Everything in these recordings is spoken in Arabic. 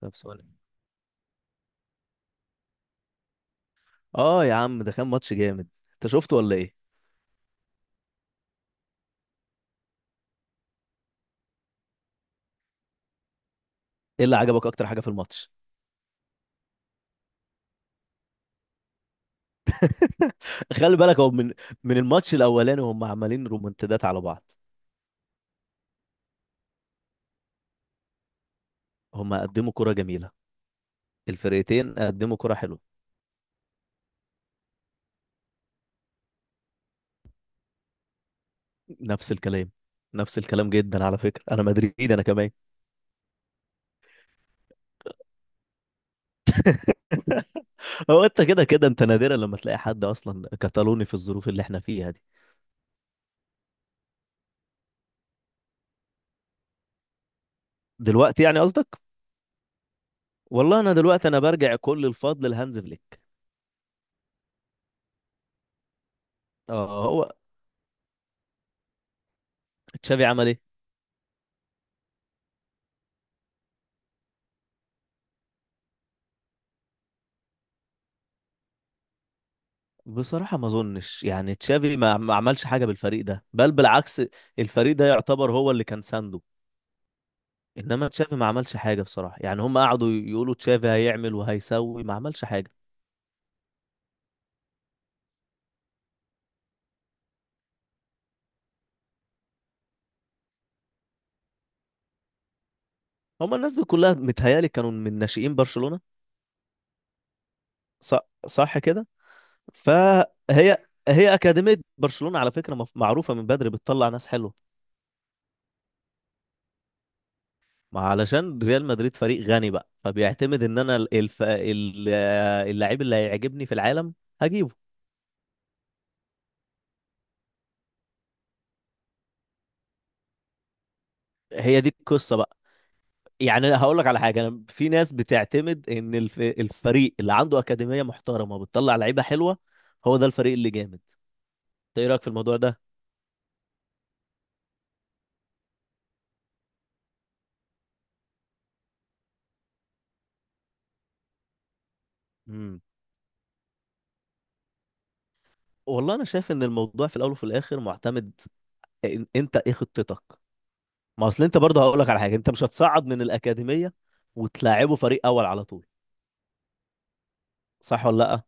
طب سؤال. اه يا عم، ده كان ماتش جامد. انت شفته ولا ايه؟ ايه اللي عجبك اكتر حاجه في الماتش؟ خلي بالك، هو من الماتش الاولاني هم عمالين رومنتدات على بعض. هم قدموا كرة جميلة. الفرقتين قدموا كرة حلوة. نفس الكلام. نفس الكلام جدا، على فكرة انا مدريد انا كمان. هو انت كده كده، انت نادرا لما تلاقي حد اصلا كتالوني في الظروف اللي احنا فيها دي. دلوقتي يعني قصدك؟ والله انا دلوقتي انا برجع كل الفضل لهانز فليك. اه هو. تشافي عمل ايه؟ بصراحة ما اظنش يعني تشافي ما عملش حاجة بالفريق ده، بل بالعكس. الفريق ده يعتبر هو اللي كان سانده. انما تشافي ما عملش حاجة بصراحة، يعني هم قعدوا يقولوا تشافي هيعمل وهيسوي، ما عملش حاجة. هم الناس دي كلها متهيألي كانوا من ناشئين برشلونة. صح، صح كده. فهي، هي أكاديمية برشلونة على فكرة، معروفة من بدري، بتطلع ناس حلوة. ما علشان ريال مدريد فريق غني بقى، فبيعتمد ان انا اللعيب اللي هيعجبني في العالم هجيبه. هي دي القصة بقى. يعني أنا هقول لك على حاجه، أنا في ناس بتعتمد ان الفريق اللي عنده اكاديميه محترمه وبتطلع لعيبه حلوه، هو ده الفريق اللي جامد. انت ايه رايك في الموضوع ده؟ امم والله انا شايف ان الموضوع في الاول وفي الاخر معتمد. انت ايه خطتك؟ ما اصل انت برضه هقول لك على حاجه، انت مش هتصعد من الاكاديميه وتلاعبه فريق اول على طول. صح ولا لا؟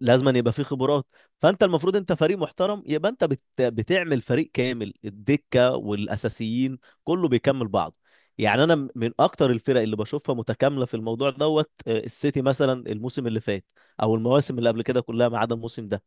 لازم أن يبقى فيه خبرات. فانت المفروض انت فريق محترم، يبقى انت بتعمل فريق كامل، الدكه والاساسيين، كله بيكمل بعضه. يعني انا من اكتر الفرق اللي بشوفها متكامله في الموضوع دوت، السيتي مثلا الموسم اللي فات، او المواسم اللي قبل كده كلها ما عدا الموسم ده.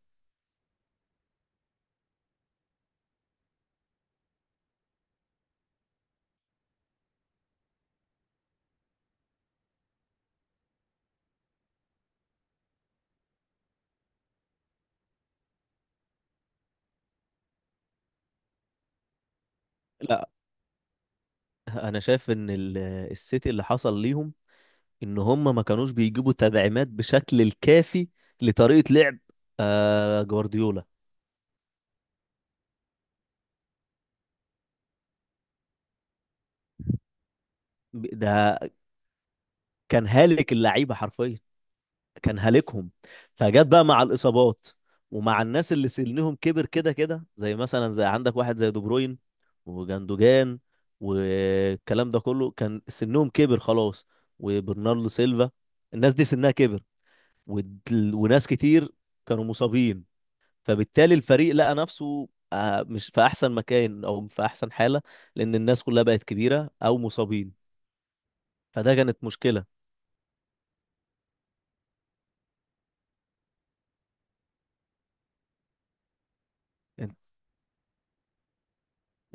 لا انا شايف ان السيتي اللي حصل ليهم ان هم ما كانوش بيجيبوا تدعيمات بشكل الكافي لطريقه لعب جوارديولا. ده كان هالك اللعيبه حرفيا، كان هالكهم. فجت بقى مع الاصابات، ومع الناس اللي سنهم كبر كده كده، زي مثلا زي عندك واحد زي دي بروين وجندوجان، والكلام ده كله كان سنهم كبر خلاص، وبرناردو سيلفا. الناس دي سنها كبر، وناس كتير كانوا مصابين. فبالتالي الفريق لقى نفسه مش في احسن مكان او في احسن حالة، لان الناس كلها بقت كبيرة او مصابين. فده كانت مشكلة. انت،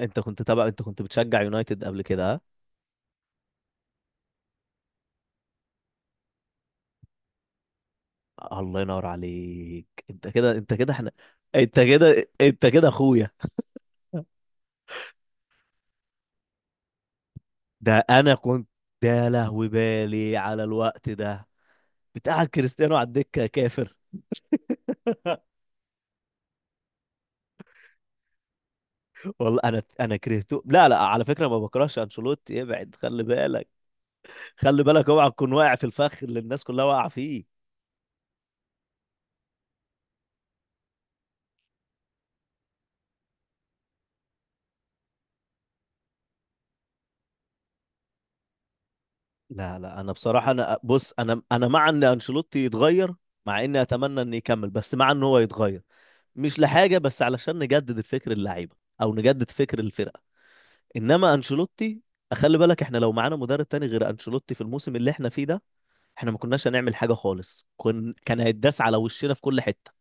أنت كنت تبع انت كنت بتشجع يونايتد قبل كده، ها؟ الله ينور عليك، انت كده انت كده احنا. انت كده انت كده اخويا. ده انا كنت، ده لهوي بالي على الوقت ده بتاع كريستيانو على الدكه، كافر. والله انا كرهته. لا لا، على فكره ما بكرهش انشيلوتي، ابعد خلي بالك. خلي بالك اوعى تكون واقع في الفخ اللي الناس كلها واقعه فيه. لا لا، انا بصراحه انا بص، انا مع ان انشيلوتي يتغير، مع اني اتمنى انه يكمل، بس مع ان هو يتغير. مش لحاجه، بس علشان نجدد الفكر اللعيبه او نجدد فكر الفرقه. انما انشيلوتي، خلي بالك احنا لو معانا مدرب تاني غير انشيلوتي في الموسم اللي احنا فيه ده، احنا ما كناش هنعمل حاجه خالص، كان هيتداس على وشنا في كل حته.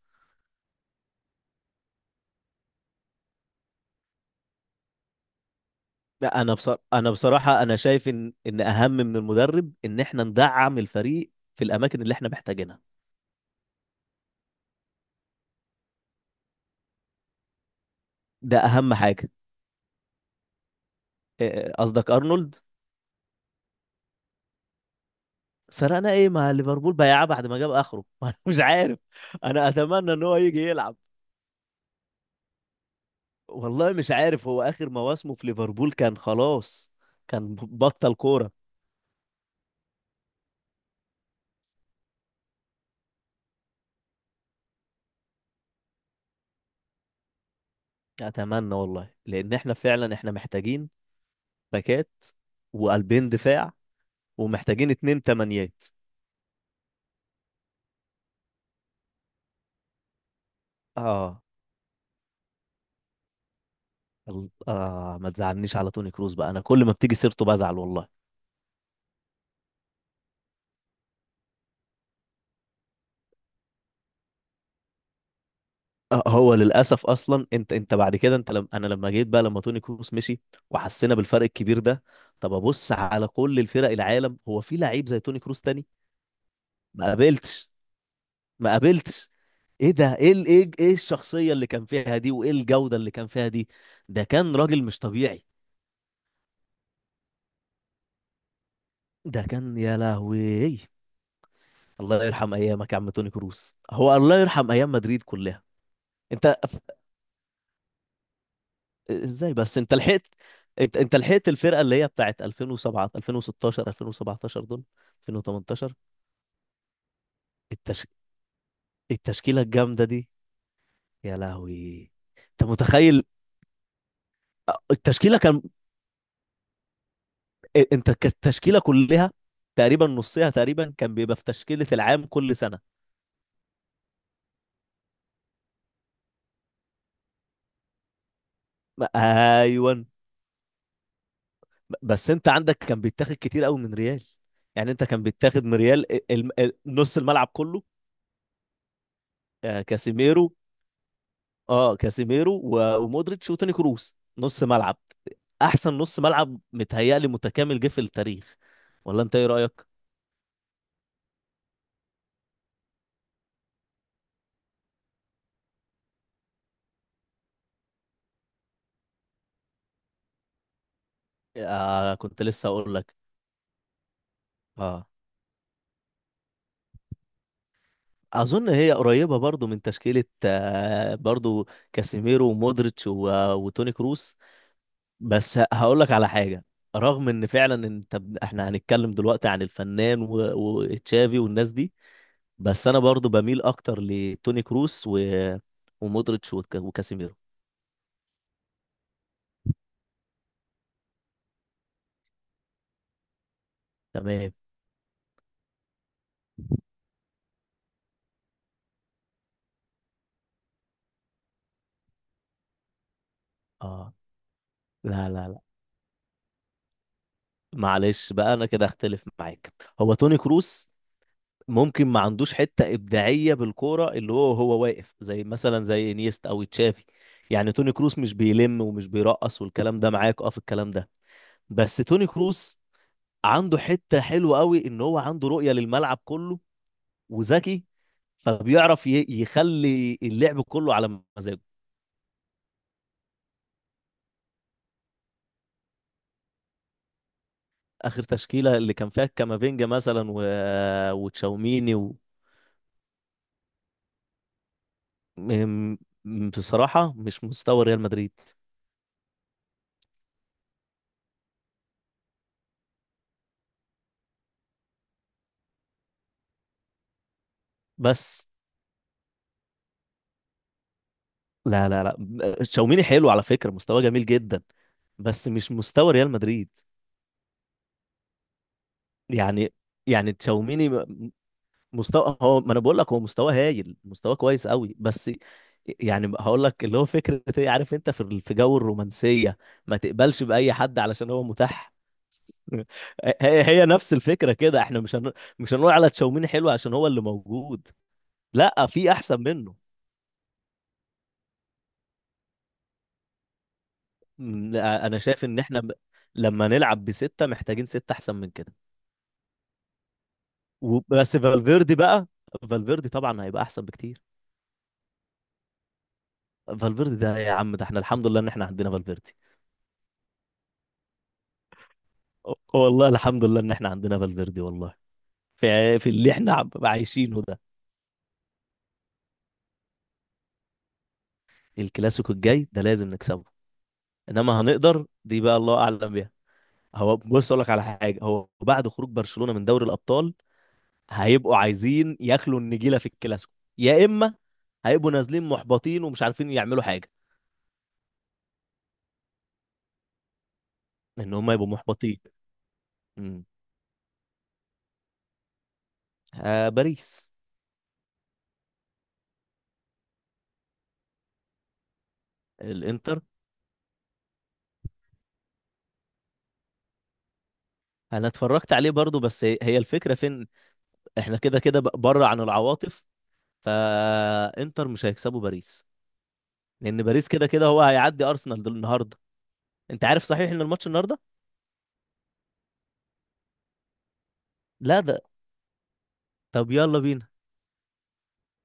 لا انا بصر... انا بصراحه انا شايف ان اهم من المدرب ان احنا ندعم الفريق في الاماكن اللي احنا محتاجينها. ده اهم حاجه. قصدك ارنولد؟ سرقنا ايه مع ليفربول، بياع بعد ما جاب اخره. انا مش عارف. انا اتمنى ان هو يجي يلعب. والله مش عارف، هو اخر مواسمه في ليفربول كان خلاص، كان بطل كوره. اتمنى والله، لان احنا فعلا احنا محتاجين باكات وقلبين دفاع، ومحتاجين اتنين تمانيات. اه ما تزعلنيش على توني كروز بقى، انا كل ما بتيجي سيرته بزعل والله. هو للاسف اصلا، انت بعد كده، انت لم انا لما جيت بقى لما توني كروز مشي وحسينا بالفرق الكبير ده. طب ابص على كل الفرق العالم، هو في لعيب زي توني كروز تاني؟ ما قابلتش. ما قابلتش. ايه ده ايه ال- ايه ايه الشخصيه اللي كان فيها دي، وايه الجوده اللي كان فيها دي، ده كان راجل مش طبيعي. ده كان يا لهوي. الله يرحم ايامك يا عم توني كروس، هو الله يرحم ايام مدريد كلها. انت ازاي بس انت لحقت؟ انت لحقت الفرقه اللي هي بتاعت 2007، 2016، 2017 دول، 2018، التش... التشكيله الجامده دي، يا لهوي. انت متخيل؟ التشكيله كان، انت التشكيله كلها تقريبا، نصها تقريبا كان بيبقى في تشكيله العام كل سنه. ما- ايوه، بس انت عندك كان بيتاخد كتير قوي من ريال، يعني انت كان بيتاخد من ريال نص الملعب كله. كاسيميرو. اه، كاسيميرو ومودريتش وتوني كروس نص ملعب. احسن نص ملعب متهيألي متكامل جه في التاريخ، ولا انت ايه رأيك؟ كنت لسه اقول لك. اه، اظن هي قريبة برضو من تشكيلة، برضو كاسيميرو ومودريتش وتوني كروس. بس هقول لك على حاجه، رغم ان فعلا احنا هنتكلم دلوقتي عن الفنان وتشافي والناس دي، بس انا برضو بميل اكتر لتوني كروس و... ومودريتش وكاسيميرو. تمام. اه. لا لا لا، معلش بقى انا كده اختلف معاك. هو توني كروس ممكن ما عندوش حته ابداعيه بالكوره، اللي هو واقف زي مثلا زي انيستا او تشافي. يعني توني كروس مش بيلم ومش بيرقص والكلام ده، معاك اه في الكلام ده، بس توني كروس عنده حته حلوه قوي ان هو عنده رؤيه للملعب كله وذكي، فبيعرف يخلي اللعب كله على مزاجه. اخر تشكيله اللي كان فيها كامافينجا مثلا، و... وتشاوميني و... م- بصراحه مش مستوى ريال مدريد. بس، لا لا لا، تشاوميني حلو على فكره، مستوى جميل جدا، بس مش مستوى ريال مدريد. يعني، يعني تشاوميني مستوى هو، ما انا بقول لك، هو مستوى هايل، مستوى كويس قوي. بس يعني هقول لك اللي هو فكره، ايه عارف انت، في جو الرومانسيه ما تقبلش باي حد علشان هو متاح. هي نفس الفكره كده، احنا مش هن... مش هنقول على تشاوميني حلو عشان هو اللي موجود. لا، في احسن منه. لا، انا شايف ان احنا ب... لما نلعب بسته محتاجين سته احسن من كده. وبس فالفيردي بقى. فالفيردي طبعا هيبقى احسن بكتير. فالفيردي ده يا عم، ده احنا الحمد لله ان احنا عندنا فالفيردي، والله الحمد لله ان احنا عندنا فالفيردي، والله في اللي احنا عايشينه ده. الكلاسيكو الجاي ده لازم نكسبه. انما هنقدر دي بقى الله اعلم بيها. هو بص، اقول لك على حاجه، هو بعد خروج برشلونه من دوري الابطال هيبقوا عايزين ياكلوا النجيله في الكلاسيكو، يا اما هيبقوا نازلين محبطين ومش عارفين يعملوا حاجه. ان هم يبقوا محبطين. امم. باريس. الانتر. انا اتفرجت عليه برضو، بس هي الفكره فين؟ احنا كده كده بره عن العواطف، فانتر مش هيكسبوا باريس، لان باريس كده كده هو هيعدي ارسنال النهارده. انت عارف صحيح ان الماتش النهارده؟ لا ده، طب يلا بينا.